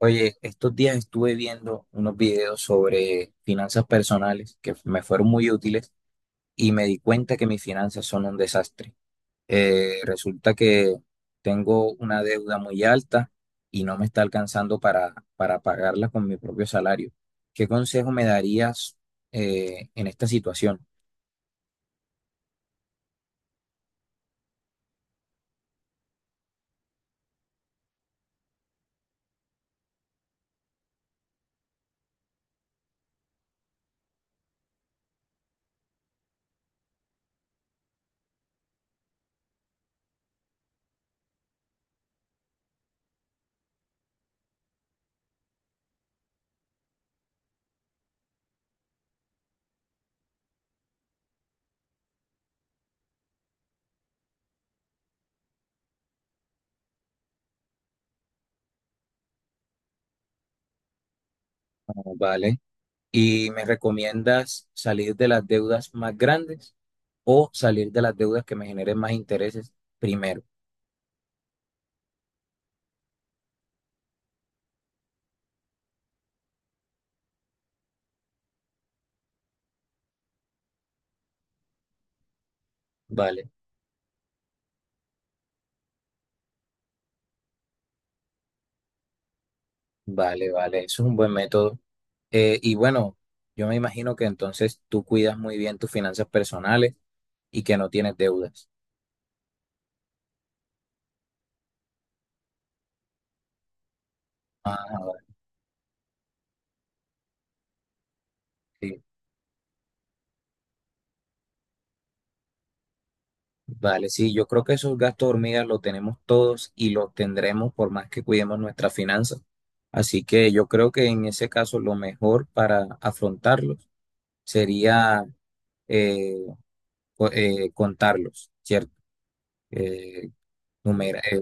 Oye, estos días estuve viendo unos videos sobre finanzas personales que me fueron muy útiles y me di cuenta que mis finanzas son un desastre. Resulta que tengo una deuda muy alta y no me está alcanzando para pagarla con mi propio salario. ¿Qué consejo me darías en esta situación? Oh, ¿vale? ¿Y me recomiendas salir de las deudas más grandes o salir de las deudas que me generen más intereses primero? ¿Vale? Vale, vale, eso es un buen método. Y bueno, yo me imagino que entonces tú cuidas muy bien tus finanzas personales y que no tienes deudas. Ah, sí. Vale, sí, yo creo que esos gastos hormigas los tenemos todos y los tendremos por más que cuidemos nuestras finanzas. Así que yo creo que en ese caso lo mejor para afrontarlos sería eh, contarlos, ¿cierto? Eh, numera- eh,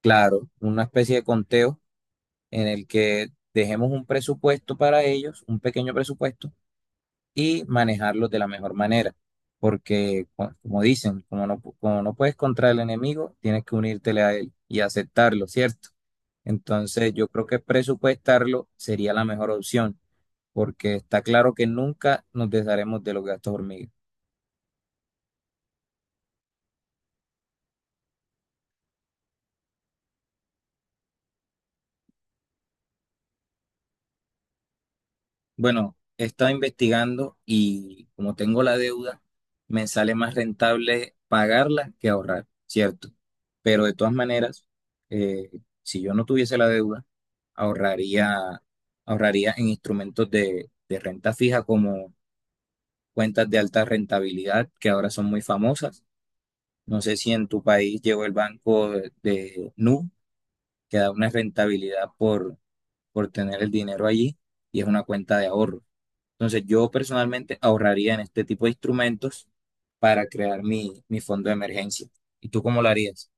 claro, una especie de conteo en el que dejemos un presupuesto para ellos, un pequeño presupuesto, y manejarlos de la mejor manera. Porque, como dicen, como no, como no puedes contra el enemigo, tienes que unírtele a él y aceptarlo, ¿cierto? Entonces, yo creo que presupuestarlo sería la mejor opción, porque está claro que nunca nos desharemos de los gastos hormiga. Bueno, he estado investigando y como tengo la deuda, me sale más rentable pagarla que ahorrar, ¿cierto? Pero de todas maneras, eh, si yo no tuviese la deuda, ahorraría, ahorraría en instrumentos de renta fija como cuentas de alta rentabilidad, que ahora son muy famosas. No sé si en tu país llegó el banco de Nu, que da una rentabilidad por tener el dinero allí y es una cuenta de ahorro. Entonces yo personalmente ahorraría en este tipo de instrumentos para crear mi fondo de emergencia. ¿Y tú cómo lo harías?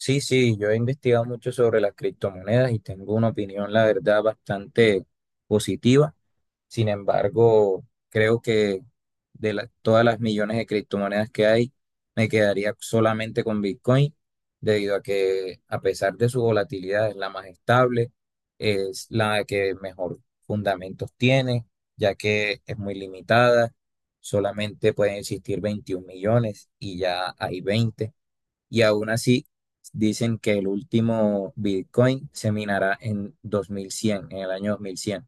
Sí, sí, yo he investigado mucho sobre las criptomonedas y tengo una opinión, la verdad, bastante positiva. Sin embargo, creo que todas las millones de criptomonedas que hay, me quedaría solamente con Bitcoin, debido a que a pesar de su volatilidad es la más estable, es la que mejor fundamentos tiene, ya que es muy limitada, solamente pueden existir 21 millones y ya hay 20, y aún así dicen que el último Bitcoin se minará en 2100, en el año 2100.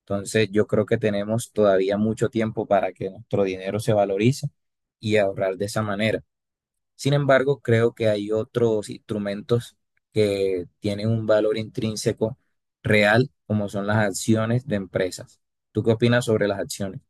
Entonces, yo creo que tenemos todavía mucho tiempo para que nuestro dinero se valorice y ahorrar de esa manera. Sin embargo, creo que hay otros instrumentos que tienen un valor intrínseco real, como son las acciones de empresas. ¿Tú qué opinas sobre las acciones?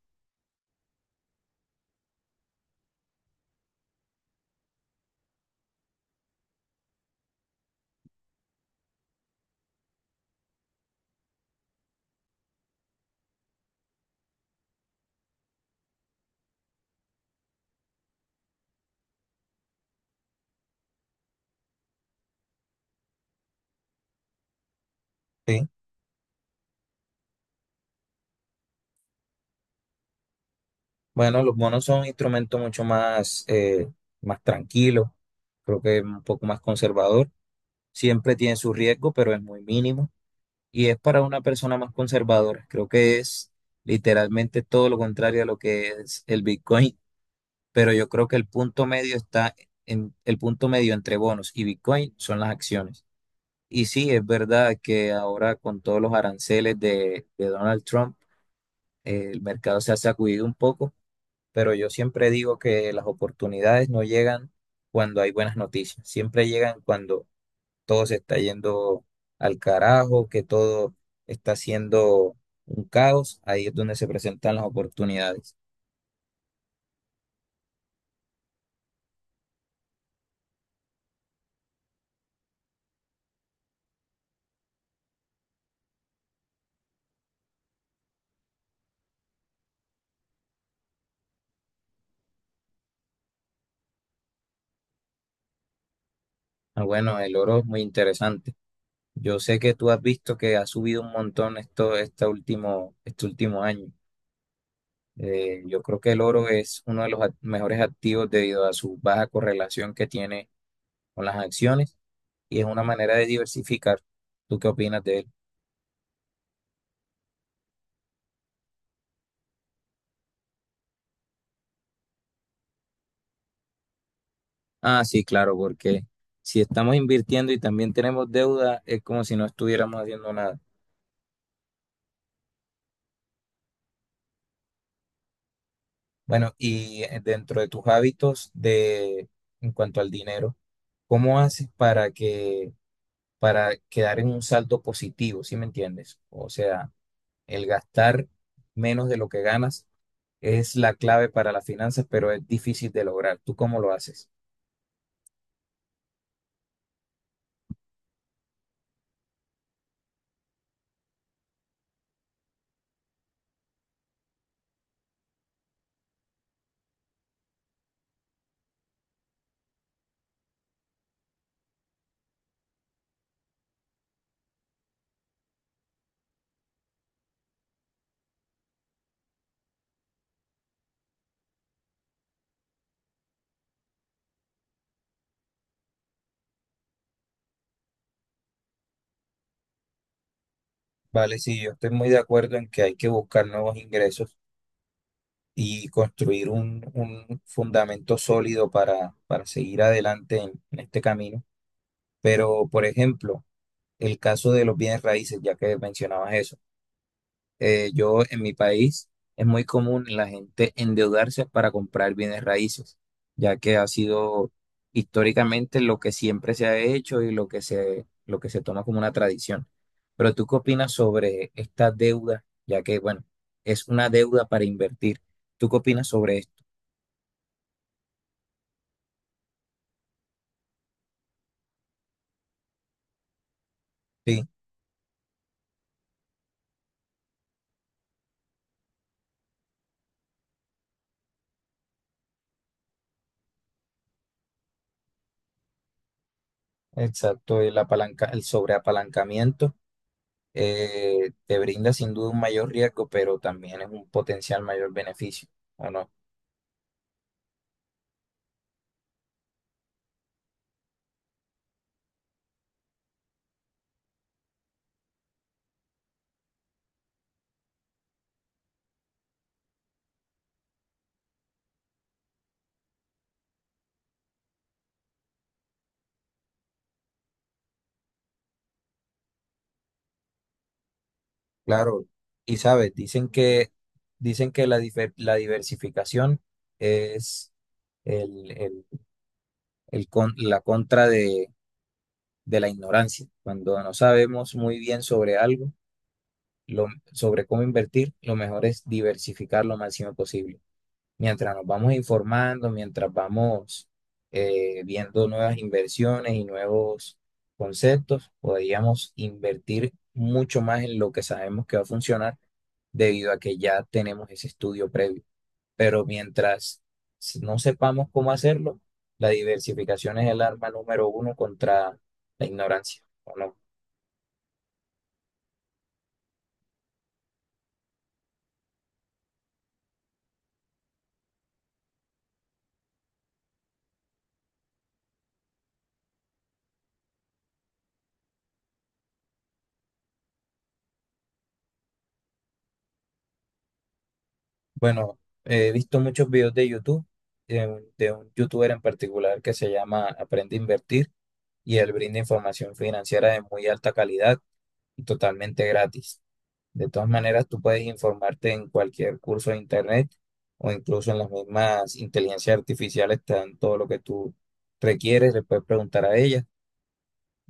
Sí. Bueno, los bonos son instrumentos mucho más, más tranquilos, creo que es un poco más conservador. Siempre tiene su riesgo, pero es muy mínimo. Y es para una persona más conservadora. Creo que es literalmente todo lo contrario a lo que es el Bitcoin, pero yo creo que el punto medio entre bonos y Bitcoin son las acciones. Y sí, es verdad que ahora con todos los aranceles de Donald Trump, el mercado se ha sacudido un poco, pero yo siempre digo que las oportunidades no llegan cuando hay buenas noticias, siempre llegan cuando todo se está yendo al carajo, que todo está siendo un caos, ahí es donde se presentan las oportunidades. Ah, bueno, el oro es muy interesante. Yo sé que tú has visto que ha subido un montón esto, este último año. Yo creo que el oro es uno de los mejores activos debido a su baja correlación que tiene con las acciones y es una manera de diversificar. ¿Tú qué opinas de él? Ah, sí, claro, porque si estamos invirtiendo y también tenemos deuda, es como si no estuviéramos haciendo nada. Bueno, y dentro de tus hábitos de en cuanto al dinero, ¿cómo haces para quedar en un saldo positivo, ¿sí me entiendes? O sea, el gastar menos de lo que ganas es la clave para las finanzas, pero es difícil de lograr. ¿Tú cómo lo haces? Vale, sí, yo estoy muy de acuerdo en que hay que buscar nuevos ingresos y construir un fundamento sólido para seguir adelante en este camino. Pero, por ejemplo, el caso de los bienes raíces, ya que mencionabas eso, yo en mi país es muy común la gente endeudarse para comprar bienes raíces, ya que ha sido históricamente lo que siempre se ha hecho y lo que se toma como una tradición. Pero ¿tú qué opinas sobre esta deuda? Ya que, bueno, es una deuda para invertir. ¿Tú qué opinas sobre esto? Exacto, el apalanca, el sobreapalancamiento te brinda sin duda un mayor riesgo, pero también es un potencial mayor beneficio, ¿o no? Claro, y sabes, dicen que la diversificación es el, el- la contra de la ignorancia. Cuando no sabemos muy bien sobre algo, lo- sobre cómo invertir, lo mejor es diversificar lo máximo posible. Mientras nos vamos informando, mientras vamos viendo nuevas inversiones y nuevos conceptos, podríamos invertir mucho más en lo que sabemos que va a funcionar debido a que ya tenemos ese estudio previo. Pero mientras no sepamos cómo hacerlo, la diversificación es el arma número 1 contra la ignorancia, ¿o no? Bueno, he visto muchos videos de YouTube, de un youtuber en particular que se llama Aprende a Invertir y él brinda información financiera de muy alta calidad y totalmente gratis. De todas maneras, tú puedes informarte en cualquier curso de internet o incluso en las mismas inteligencias artificiales te dan todo lo que tú requieres, le puedes preguntar a ella.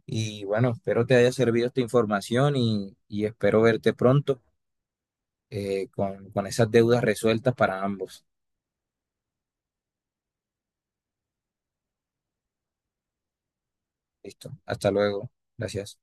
Y bueno, espero te haya servido esta información y espero verte pronto con esas deudas resueltas para ambos. Listo, hasta luego. Gracias.